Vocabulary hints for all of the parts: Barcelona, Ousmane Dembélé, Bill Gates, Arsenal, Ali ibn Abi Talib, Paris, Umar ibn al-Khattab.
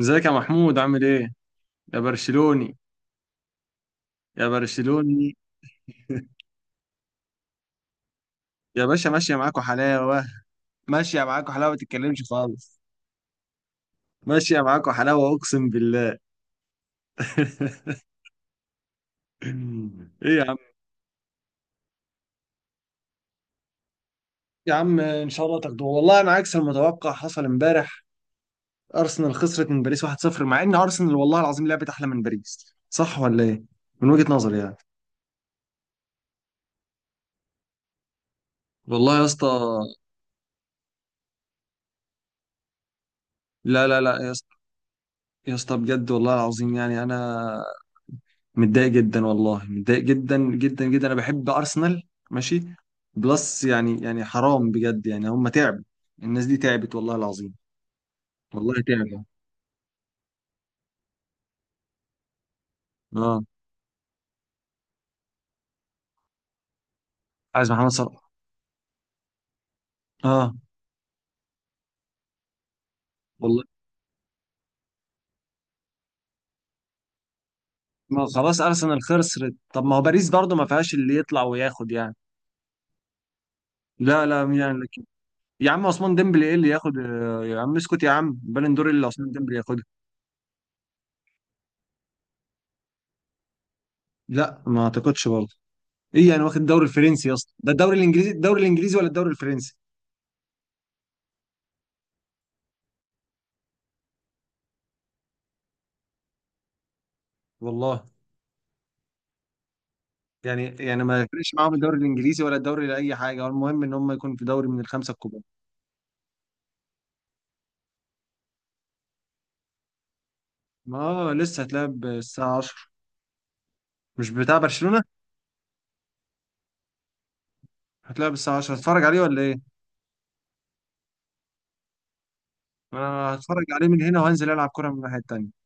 ازيك يا محمود؟ عامل ايه؟ يا برشلوني، يا برشلوني، يا باشا، ماشية معاكوا حلاوة، ماشية معاكوا حلاوة، ما تتكلمش خالص. ماشية معاكوا حلاوة أقسم بالله. ايه يا عم؟ يا عم ان شاء الله تاخدوه. والله انا عكس المتوقع حصل امبارح. ارسنال خسرت من باريس 1-0 مع ان ارسنال والله العظيم لعبت احلى من باريس. صح ولا ايه؟ من وجهة نظري يعني. والله يا اسطى. لا لا لا يا اسطى، يا اسطى بجد والله العظيم. يعني انا متضايق جدا، والله متضايق جدا جدا جدا. انا بحب ارسنال، ماشي؟ بلس يعني حرام بجد. يعني هم تعبوا، الناس دي تعبت والله العظيم. والله تعبوا. اه، عايز محمد صلاح. اه والله. ما خلاص ارسنال خسرت. طب ما هو باريس برضه ما فيهاش اللي يطلع وياخد يعني. لا لا، مين يعني لك؟ يا عم، عثمان ديمبلي ايه اللي ياخد؟ يا عم اسكت. يا عم، بالون دور إيه اللي عثمان ديمبلي ياخدها؟ لا، ما اعتقدش برضه. ايه يعني؟ واخد الدوري الفرنسي يا اسطى؟ ده الدوري الانجليزي ولا الدوري الفرنسي؟ والله. يعني ما ليش، ما عم الدور الإنجليزي ولا الدور لأي حاجة. هو المهم إنهم ما يكون في دوري من الخمسة كبار. ما لسه تلعب 12، مش بتتابع شلونه؟ هتلعب 12، هتفرق عليهم ليه؟ أنا هتفرق عليهم من هنا وهنزل ألعب كورة من الهاي التانية.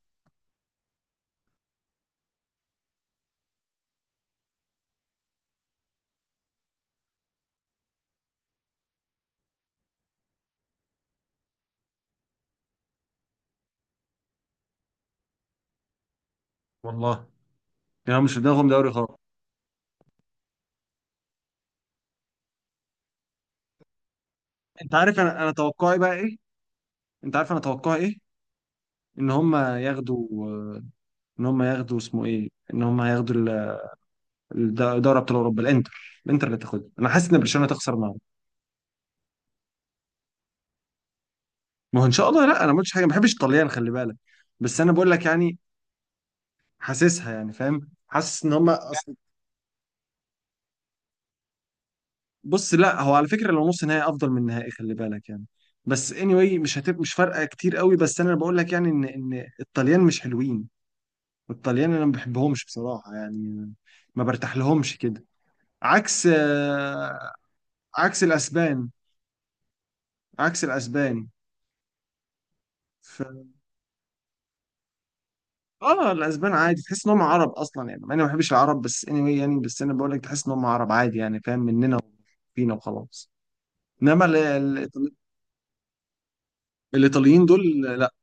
والله يا، مش بدناهم دوري خارج. أنت عارف أنا أتوقع إيه بقى؟ ايه؟ أنت عارف أنا أتوقع إيه؟ إنهم ما يغدوا إنهم ما يغدوا اسمه إيه؟ إنهم ما يغدوا ال، الدور أبطال أوروبا الأندر، الأندر اللي تأخذ؟ أنا أحس إن برشلونة تقصر ما. ما هو ان شاء الله لا. انا ما قلتش حاجه، ما بحبش الطليان خلي بالك. بس انا بقول لك يعني، حاسسها يعني فاهم، حاسس ان هم أصل... بص، لا هو على فكره لو نص نهائي افضل من نهائي، خلي بالك يعني. بس anyway مش هتبقى، مش فارقه كتير قوي. بس انا بقول لك يعني ان ان الطليان مش حلوين. الطليان انا ما بحبهمش بصراحه يعني. ما برتاح لهمش كده. عكس عكس الاسبان، عكس الاسبان. اه، الاسبان عادي تحس ان هم عرب اصلا يعني. مع اني ما بحبش العرب بس anyway يعني، بس انا بقول لك تحس ان هم عرب عادي يعني. فاهم؟ مننا فينا وخلاص. انما الايطاليين دول، لا.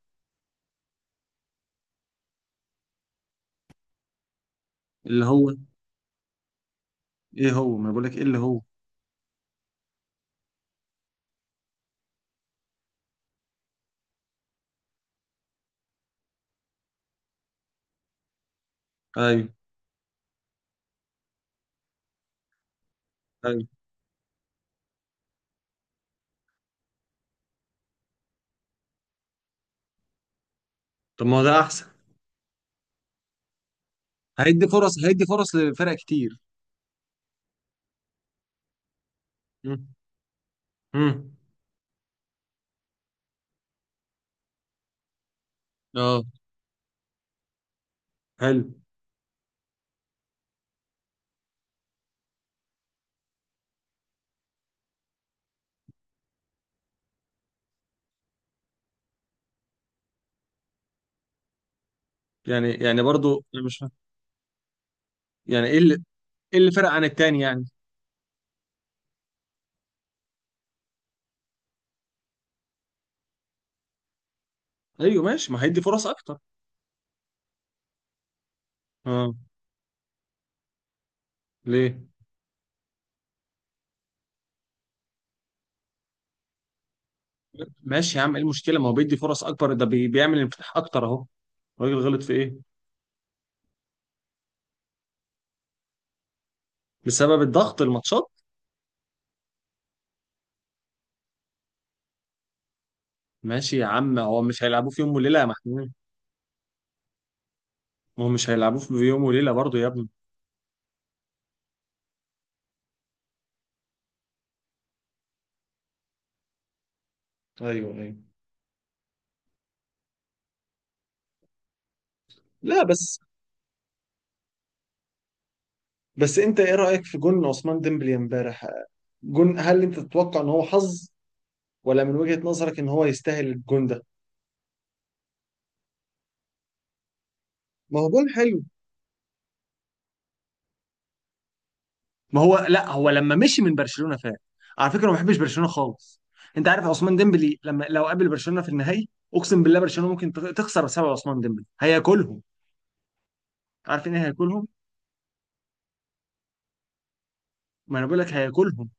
اللي هو ايه هو، ما بقول لك ايه اللي هو. ايوه ايوه. طب ما هو ده احسن. هيدي فرص، هيدي فرص لفرق كتير. مم. مم. اه، حلو. يعني برضو أنا مش فاهم. يعني ايه اللي ايه اللي فرق عن التاني يعني؟ ايوه ماشي، ما هيدي فرص اكتر. اه. ليه؟ ماشي يا عم، ايه المشكله؟ ما هو بيدي فرص اكبر، ده بيعمل انفتاح اكتر اهو. الراجل غلط في ايه؟ بسبب الضغط الماتشات. ماشي يا عم، هو مش هيلعبوه في يوم وليله يا محمود. ما هو مش هيلعبوه في يوم وليله برضه يا ابني. ايوه ايوه. لا بس، بس انت ايه رايك في جون عثمان ديمبلي امبارح؟ جون، هل انت تتوقع ان هو حظ؟ ولا من وجهه نظرك ان هو يستاهل الجون ده؟ ما هو جون حلو. ما هو لا، هو لما مشي من برشلونه فات. على فكره ما بحبش برشلونه خالص. انت عارف عثمان ديمبلي لما لو قابل برشلونه في النهائي، اقسم بالله برشلونه ممكن تخسر بسبب عثمان ديمبلي. هياكلهم، عارف؟ ايه هياكلهم. ما انا بقول لك هياكلهم،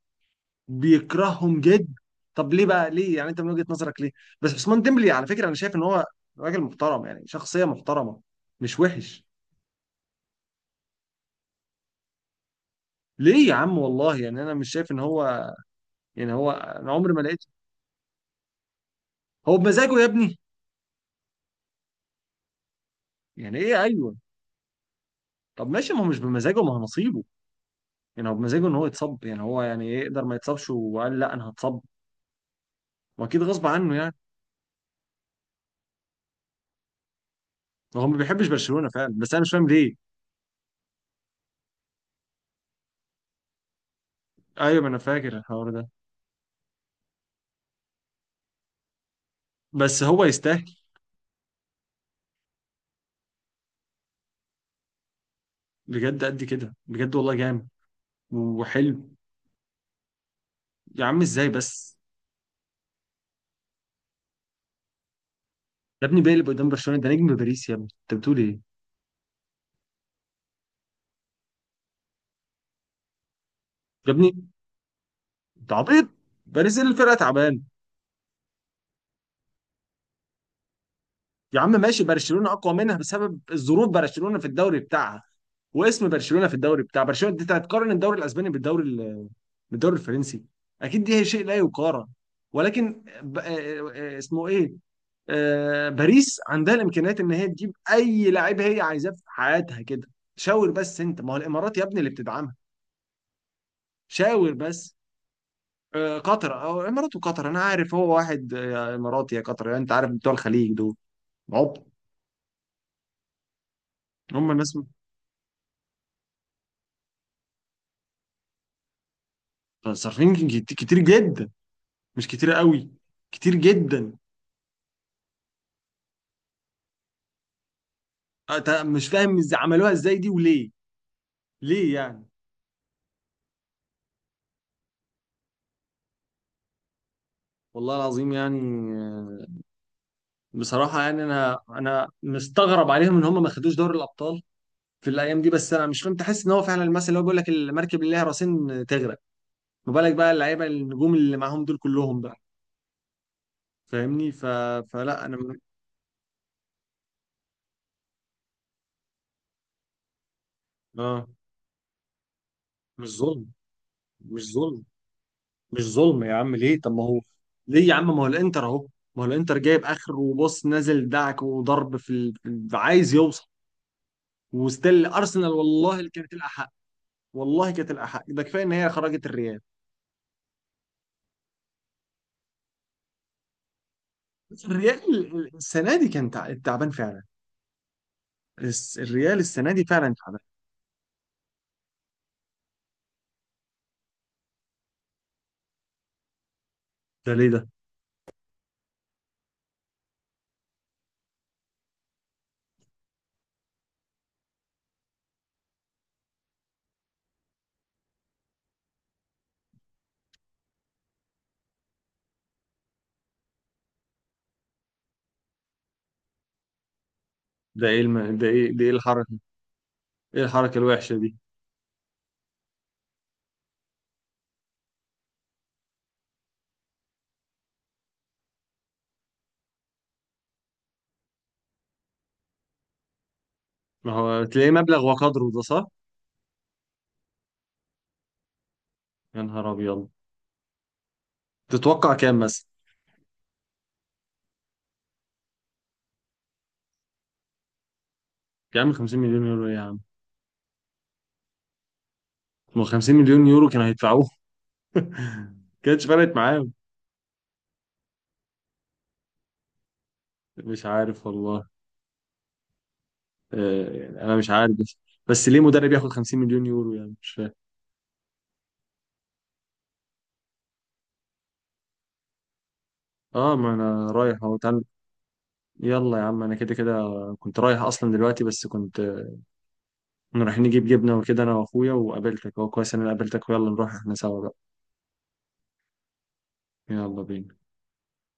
بيكرههم جدا. طب ليه بقى؟ ليه يعني انت من وجهة نظرك ليه؟ بس عثمان ديمبلي على فكرة انا شايف ان هو راجل محترم يعني. شخصية محترمة، مش وحش. ليه يا عم؟ والله يعني انا مش شايف ان هو، يعني هو انا عمري ما لقيته. هو بمزاجه يا ابني. يعني ايه؟ ايوه. طب ماشي، ما هو مش بمزاجه، ما هو نصيبه. يعني هو بمزاجه ان هو يتصب؟ يعني هو يعني إيه، يقدر ما يتصبش وقال لا انا هتصب؟ واكيد غصب عنه يعني. هو ما بيحبش برشلونة فعلا، بس انا مش فاهم ليه. ايوه، ما انا فاكر الحوار ده. بس هو يستاهل. بجد قد كده، بجد والله جامد وحلو. يا عم ازاي بس؟ يا ابني بيلي قدام برشلونه، ده نجم باريس يا ابني، انت بتقول ايه؟ يا ابني انت عبيط، باريس اللي الفرقه تعبان؟ يا عم ماشي، برشلونه اقوى منها بسبب الظروف. برشلونه في الدوري بتاعها، واسم برشلونه في الدوري بتاع برشلونه. انت هتقارن الدوري الاسباني بالدوري الفرنسي؟ اكيد دي هي شيء لا يقارن. ولكن ب... آه، آه، آه، اسمه ايه، باريس عندها الامكانيات ان هي تجيب اي لعيب هي عايزاه في حياتها كده. شاور بس. انت ما هو الامارات يا ابني اللي بتدعمها. شاور بس. قطر او الامارات وقطر، انا عارف هو واحد اماراتي يا قطر يعني. انت عارف بتوع الخليج دول، عبط. هم الناس صارفين كتير جدا، مش كتير قوي، كتير جدا. أنت مش فاهم ازاي عملوها ازاي دي وليه؟ ليه يعني؟ والله العظيم يعني. آه، بصراحة يعني انا مستغرب عليهم ان هم ما خدوش دوري الابطال في الايام دي. بس انا مش فاهم، تحس ان هو فعلا المثل اللي هو بيقول لك المركب اللي لها راسين تغرق. ما بالك بقى اللعيبه النجوم اللي معاهم دول كلهم بقى. فاهمني؟ فلا انا اه، مش ظلم. مش ظلم، مش ظلم يا عم. ليه؟ طب ما هو، ليه يا عم؟ ما هو الانتر اهو، ما هو الانتر جايب اخر وبص نازل دعك وضرب عايز يوصل. وستيل ارسنال والله اللي كانت الاحق. والله كانت الاحق، ده كفايه ان هي خرجت الريال. بس الريال السنه دي كان تعبان فعلا. الريال السنه دي فعلا تعبان. ده ليه ده؟ ده ايه الم... ده ايه ده ايه الحركه؟ ايه الحركه الوحشه دي؟ ما هو تلاقيه مبلغ وقدره ده، صح؟ يا نهار ابيض. تتوقع كام مثلا؟ يا عم 50 مليون يورو إيه يا عم؟ ما هو 50 مليون يورو كانوا هيدفعوه. كانتش فرقت معاهم. مش عارف والله. يعني انا مش عارف، بس بس ليه مدرب ياخد 50 مليون يورو يعني؟ مش فاهم. اه ما انا رايح اهو، تعال. يلا يا عم انا كده كده كنت رايح اصلا دلوقتي. بس كنت كنا رايحين نجيب جبنه وكده انا واخويا وقابلتك. هو كويس إن انا قابلتك، ويلا نروح احنا سوا بقى. يلا بينا.